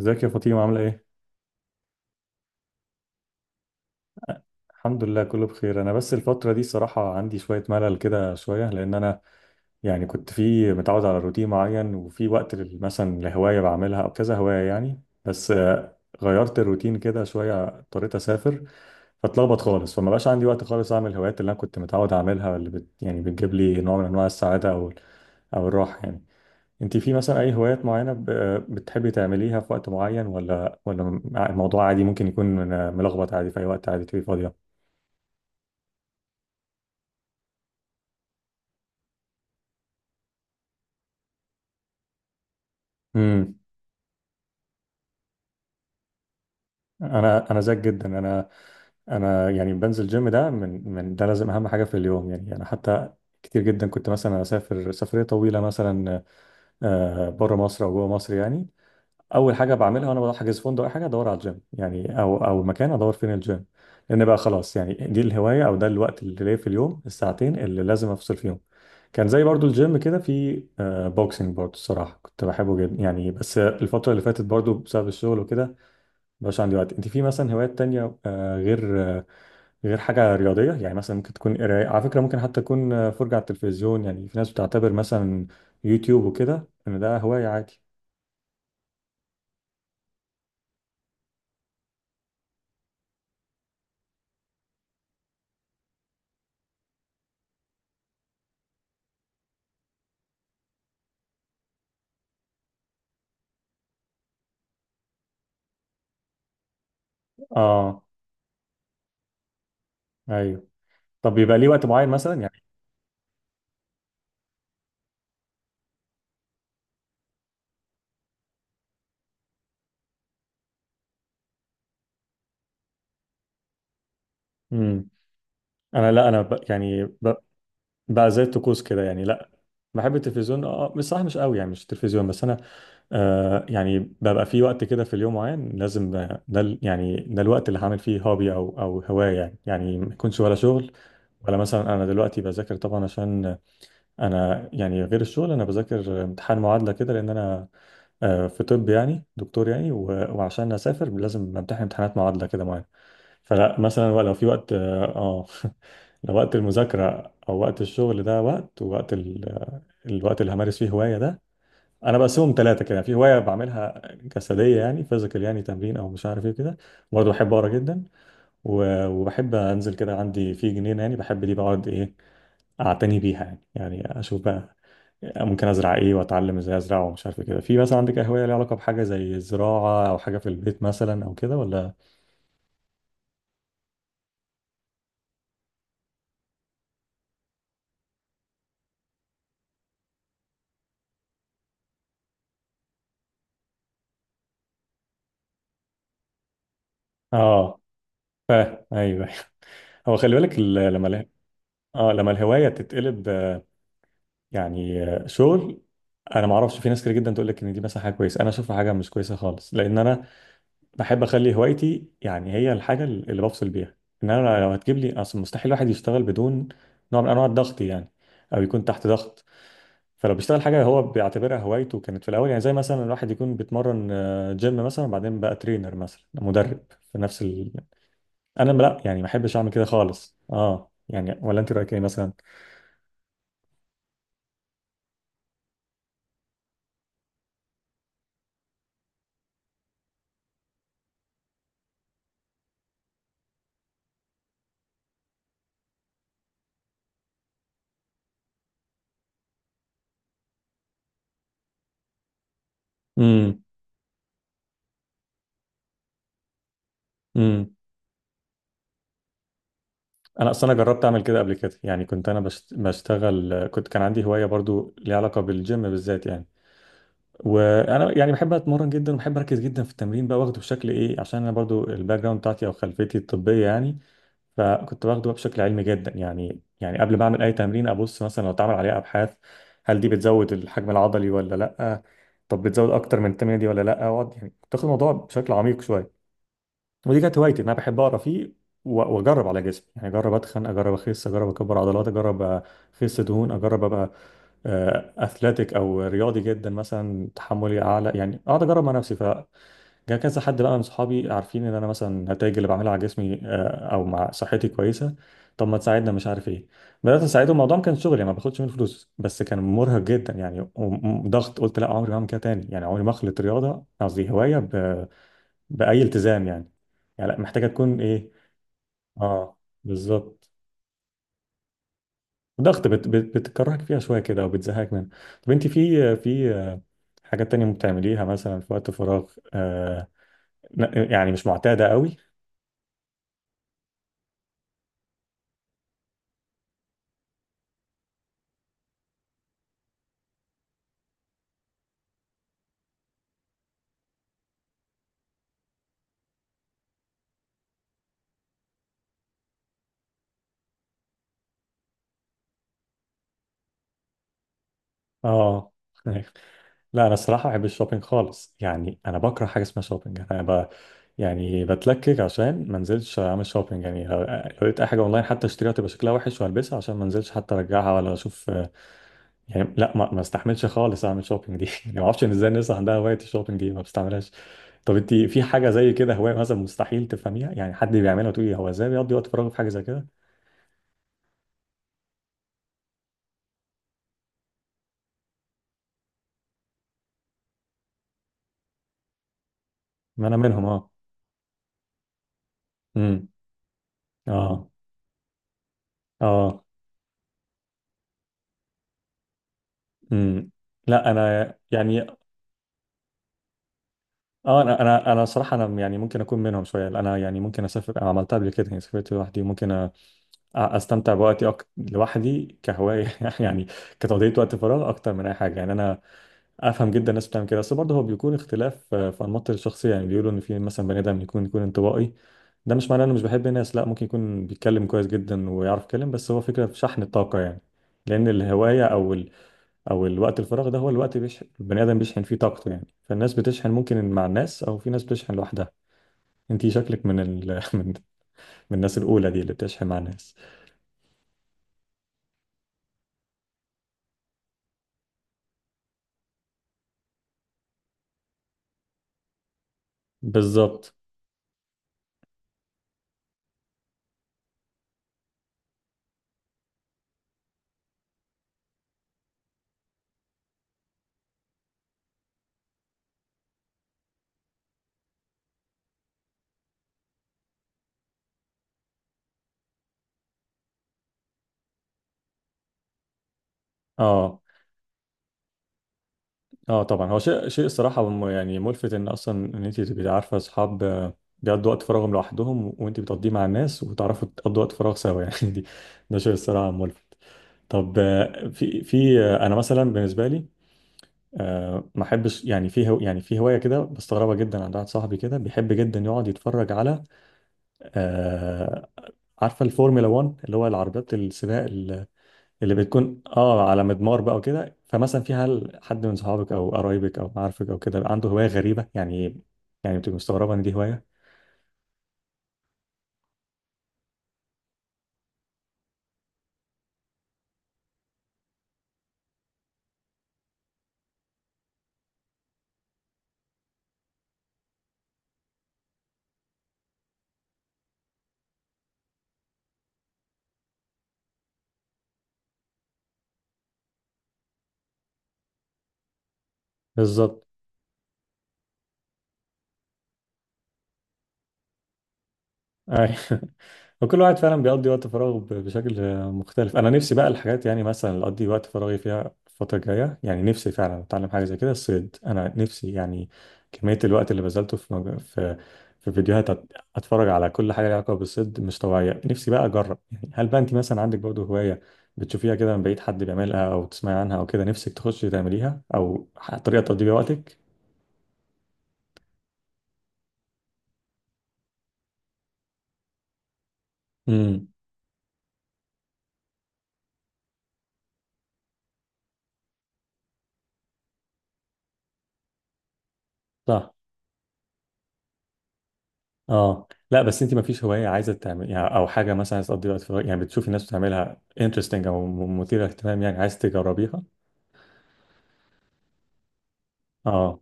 ازيك يا فاطمة عاملة ايه؟ الحمد لله كله بخير. انا بس الفترة دي صراحة عندي شوية ملل كده شوية. لان انا يعني كنت في متعود على روتين معين وفي وقت مثلا لهواية بعملها او كذا هواية يعني بس غيرت الروتين كده شوية، اضطريت اسافر فاتلخبط خالص، فما بقاش عندي وقت خالص اعمل الهوايات اللي انا كنت متعود اعملها، اللي يعني بتجيب لي نوع من انواع السعادة او او الراحة يعني. انت في مثلا اي هوايات معينة بتحبي تعمليها في وقت معين؟ ولا الموضوع عادي ممكن يكون ملخبط عادي في اي وقت عادي تبقي فاضية؟ امم، انا زيك جدا. انا انا يعني بنزل جيم، ده من ده لازم اهم حاجة في اليوم يعني. انا حتى كتير جدا كنت مثلا اسافر سفرية طويلة مثلا بره مصر او جوه مصر يعني، اول حاجه بعملها وانا بحجز فندق اي حاجه ادور على الجيم يعني، او او مكان ادور فين الجيم، لان بقى خلاص يعني دي الهوايه او ده الوقت اللي ليا في اليوم، الساعتين اللي لازم افصل فيهم. كان زي برضو الجيم كده في بوكسنج، برضو الصراحه كنت بحبه جدا يعني، بس الفتره اللي فاتت برضو بسبب الشغل وكده مبقاش عندي وقت. انت في مثلا هوايات تانية غير حاجه رياضيه يعني؟ مثلا ممكن تكون قرايه على فكره، ممكن حتى تكون فرجه على التلفزيون يعني، في ناس بتعتبر مثلا يوتيوب وكده ان ده هوايه عادي. اه، ايوه. طب بيبقى ليه وقت معين مثلا يعني؟ امم. انا لا انا بقى زي الطقوس كده يعني، لا بحب التلفزيون اه، مش صح، مش قوي يعني، مش التلفزيون بس. انا آه يعني ببقى في وقت كده في اليوم معين لازم يعني ده الوقت اللي هعمل فيه هوبي او او هوايه يعني، يعني ما يكونش ولا شغل ولا مثلا. انا دلوقتي بذاكر طبعا، عشان انا يعني غير الشغل انا بذاكر امتحان معادله كده، لان انا في طب يعني، دكتور يعني، وعشان اسافر لازم امتحن امتحانات معادله كده معينه. فلا مثلا هو لو في وقت اه لو وقت المذاكرة أو وقت الشغل، ده وقت الوقت اللي همارس فيه هواية ده، أنا بقسمهم ثلاثة كده. في هواية بعملها جسدية يعني فيزيكال يعني تمرين أو مش عارف إيه كده، برضه بحب أقرأ جدا، وبحب أنزل كده عندي في جنينة يعني، بحب دي بقعد إيه أعتني بيها يعني، يعني أشوف بقى ممكن أزرع إيه وأتعلم إزاي أزرع ومش عارف إيه كده. في مثلا عندك هواية ليها علاقة بحاجة زي الزراعة أو حاجة في البيت مثلا أو كده ولا؟ آه، أيوه. هو خلي بالك لما الهوايه تتقلب شغل، انا ما اعرفش، في ناس كتير جدا تقول لك ان دي مثلا حاجه كويسه، انا اشوفها حاجه مش كويسه خالص، لان انا بحب اخلي هوايتي يعني هي الحاجه اللي بفصل بيها. ان انا لو هتجيب لي، اصل مستحيل الواحد يشتغل بدون نوع من انواع الضغط يعني، او يكون تحت ضغط، فلو بيشتغل حاجه هو بيعتبرها هوايته كانت في الاول، يعني زي مثلا الواحد يكون بيتمرن جيم مثلا، بعدين بقى ترينر مثلا مدرب في نفس ال... انا لا يعني ما احبش اعمل كده خالص اه يعني. ولا انت رايك ايه مثلا؟ امم. امم. انا اصلا جربت اعمل كده قبل كده يعني، كنت انا بشتغل، كنت كان عندي هوايه برضو ليها علاقه بالجيم بالذات يعني، وانا يعني بحب اتمرن جدا وبحب اركز جدا في التمرين بقى، واخده بشكل ايه عشان انا برضو الباك جراوند بتاعتي او خلفيتي الطبيه يعني، فكنت باخده بقى بشكل علمي جدا يعني. يعني قبل ما اعمل اي تمرين ابص مثلا لو اتعمل عليها ابحاث، هل دي بتزود الحجم العضلي ولا لا، طب بتزود اكتر من التمرين دي ولا لا، اقعد يعني كنت واخد الموضوع بشكل عميق شويه. ودي كانت هوايتي ان انا بحب اقرا فيه واجرب على جسمي يعني، اجرب اتخن، اجرب اخس، اجرب اكبر عضلات، اجرب اخس دهون، اجرب ابقى اثليتيك او رياضي جدا مثلا، تحملي اعلى يعني، اقعد اجرب مع نفسي. فجاء كذا حد بقى من صحابي عارفين ان انا مثلا النتائج اللي بعملها على جسمي او مع صحتي كويسه، طب ما تساعدنا مش عارف ايه، بدات اساعدهم. الموضوع ما كان شغل يعني ما باخدش منه فلوس، بس كان مرهق جدا يعني وضغط. قلت لا، عمري ما هعمل كده تاني يعني، عمري ما اخلط رياضه، قصدي هوايه، بأي التزام يعني، يعني لأ، محتاجة تكون ايه. اه، بالظبط. ضغط بت بت بتكرهك فيها شوية كده او بتزهقك منها. طب انت في حاجات تانية بتعمليها مثلا في وقت فراغ آه؟ يعني مش معتادة قوي. اه. لا انا الصراحة بحب الشوبينج خالص يعني، انا بكره حاجة اسمها شوبينج، انا ب يعني بتلكك عشان ما انزلش اعمل شوبينج يعني، لو لو لقيت اي حاجة اونلاين حتى اشتريها تبقى شكلها وحش والبسها عشان ما انزلش حتى ارجعها ولا اشوف يعني، لا ما استحملش خالص اعمل شوبينج دي يعني، ما اعرفش ان ازاي الناس عندها هوايه الشوبينج دي، ما بستعملهاش. طب انت في حاجه زي كده هوايه مثلا مستحيل تفهميها يعني، حد بيعملها وتقولي هو ازاي بيقضي وقت فراغه في حاجه زي كده؟ ما انا منهم اه. امم. اه. اه. امم. لا انا يعني اه، انا صراحه انا يعني ممكن اكون منهم شويه. انا يعني ممكن اسافر، أنا عملتها قبل كده يعني، سافرت لوحدي، ممكن استمتع بوقتي لوحدي كهوايه يعني، كتقضيه وقت فراغ اكتر من اي حاجه يعني. انا افهم جدا الناس بتعمل كده، بس برضه هو بيكون اختلاف في انماط الشخصيه يعني، بيقولوا ان في مثلا بني ادم يكون انطوائي، ده مش معناه انه مش بيحب الناس، لا ممكن يكون بيتكلم كويس جدا ويعرف يتكلم، بس هو فكره في شحن الطاقه يعني. لان الهوايه او ال... او الوقت الفراغ ده هو الوقت البني ادم بيشحن فيه طاقته يعني، فالناس بتشحن ممكن مع الناس، او في ناس بتشحن لوحدها. انتي شكلك من ال... من من الناس الاولى دي اللي بتشحن مع الناس. بالظبط. اه. اه طبعا. هو شيء الصراحه يعني ملفت ان اصلا ان انت تبقي عارفه اصحاب بيقضوا وقت فراغهم لوحدهم وانت بتقضيه مع الناس، وتعرفوا تقضوا وقت فراغ سوا يعني دي، ده شيء الصراحه ملفت. طب آه، في في آه، انا مثلا بالنسبه لي ما احبش يعني في هوايه كده بستغربها جدا عند واحد صاحبي، كده بيحب جدا يقعد يتفرج على آه، عارفه الفورمولا 1 اللي هو العربيات السباق اللي بتكون اه على مدمار بقى وكده. فمثلا في هل حد من صحابك او قرايبك او معارفك او كده عنده هوايه غريبه يعني، يعني بتبقى مستغربه ان دي هوايه؟ بالظبط. أيوة. وكل واحد فعلا بيقضي وقت فراغه بشكل مختلف. انا نفسي بقى الحاجات يعني مثلا اللي اقضي وقت فراغي فيها الفتره الجايه، يعني نفسي فعلا اتعلم حاجه زي كده، الصيد انا نفسي يعني، كميه الوقت اللي بذلته في مج... في في فيديوهات اتفرج على كل حاجه ليها علاقه بالصيد مش طبيعيه، نفسي بقى اجرب يعني. هل بقى انت مثلا عندك برضه هوايه بتشوفيها كده من بعيد حد بيعملها او تسمعي عنها او كده نفسك تخشي تعمليها، او طريقه تقضي بيها وقتك؟ امم. اه، لا بس انت ما فيش هوايه عايزه تعمل يعني، او حاجه مثلا عايزه تقضي وقت فراغ يعني بتشوفي الناس بتعملها انترستنج او مثيره اهتمام يعني عايز تجربيها؟ اه.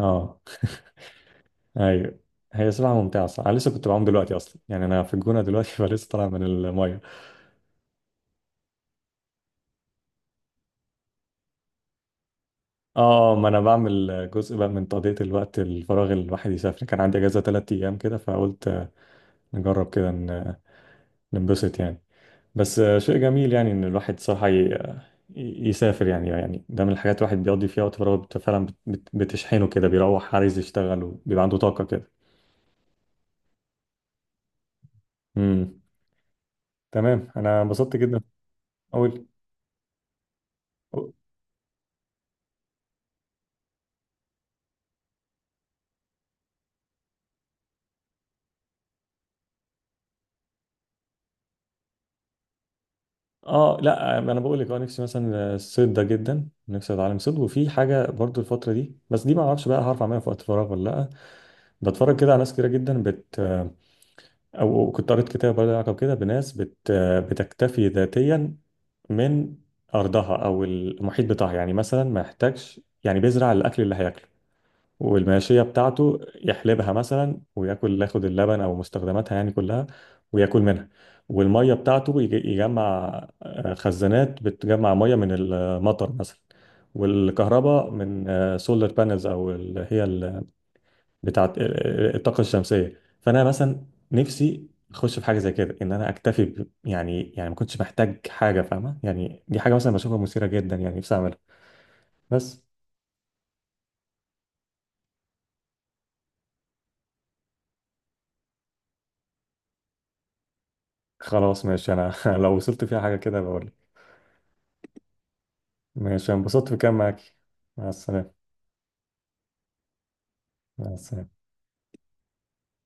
اه. ايوه. هي صراحه ممتعه صح، انا لسه كنت بعوم دلوقتي اصلا يعني، انا في الجونه دلوقتي فلسه طالع من الميه. اه، ما انا بعمل جزء بقى من تقضيه الوقت الفراغ اللي الواحد يسافر، كان عندي اجازه ثلاث ايام كده فقلت نجرب كده ننبسط يعني. بس شيء جميل يعني ان الواحد صراحة يسافر يعني، يعني ده من الحاجات الواحد بيقضي فيها وقت فراغه بتشحنه كده، بيروح عايز يشتغل وبيبقى عنده طاقة كده. امم. تمام، انا انبسطت جدا. اول اه، لا انا بقول لك اه، نفسي مثلا الصيد ده جدا، نفسي اتعلم صيد. وفي حاجه برضو الفتره دي، بس دي ما اعرفش بقى هعرف اعملها في وقت فراغ ولا لا، بتفرج كده على ناس كتيره جدا او كنت قريت كتاب برضه له علاقه بكده، بناس بتكتفي ذاتيا من ارضها او المحيط بتاعها يعني، مثلا ما يحتاجش يعني، بيزرع الاكل اللي هياكله، والماشيه بتاعته يحلبها مثلا وياكل ياخد اللبن او مستخدماتها يعني كلها وياكل منها، والميه بتاعته يجمع خزانات بتجمع ميه من المطر مثلا، والكهرباء من سولار بانلز او ال- هي بتاعت الطاقة الشمسية. فأنا مثلا نفسي أخش في حاجة زي كده، إن أنا أكتفي يعني يعني ما كنتش محتاج حاجة، فاهمة يعني؟ دي حاجة مثلا بشوفها مثيرة جدا يعني، نفسي أعملها بس. خلاص ماشي، أنا لو وصلت فيها حاجة كده بقول لك. ماشي، أنا انبسطت في كلام معاك. مع السلامة. مع السلامة.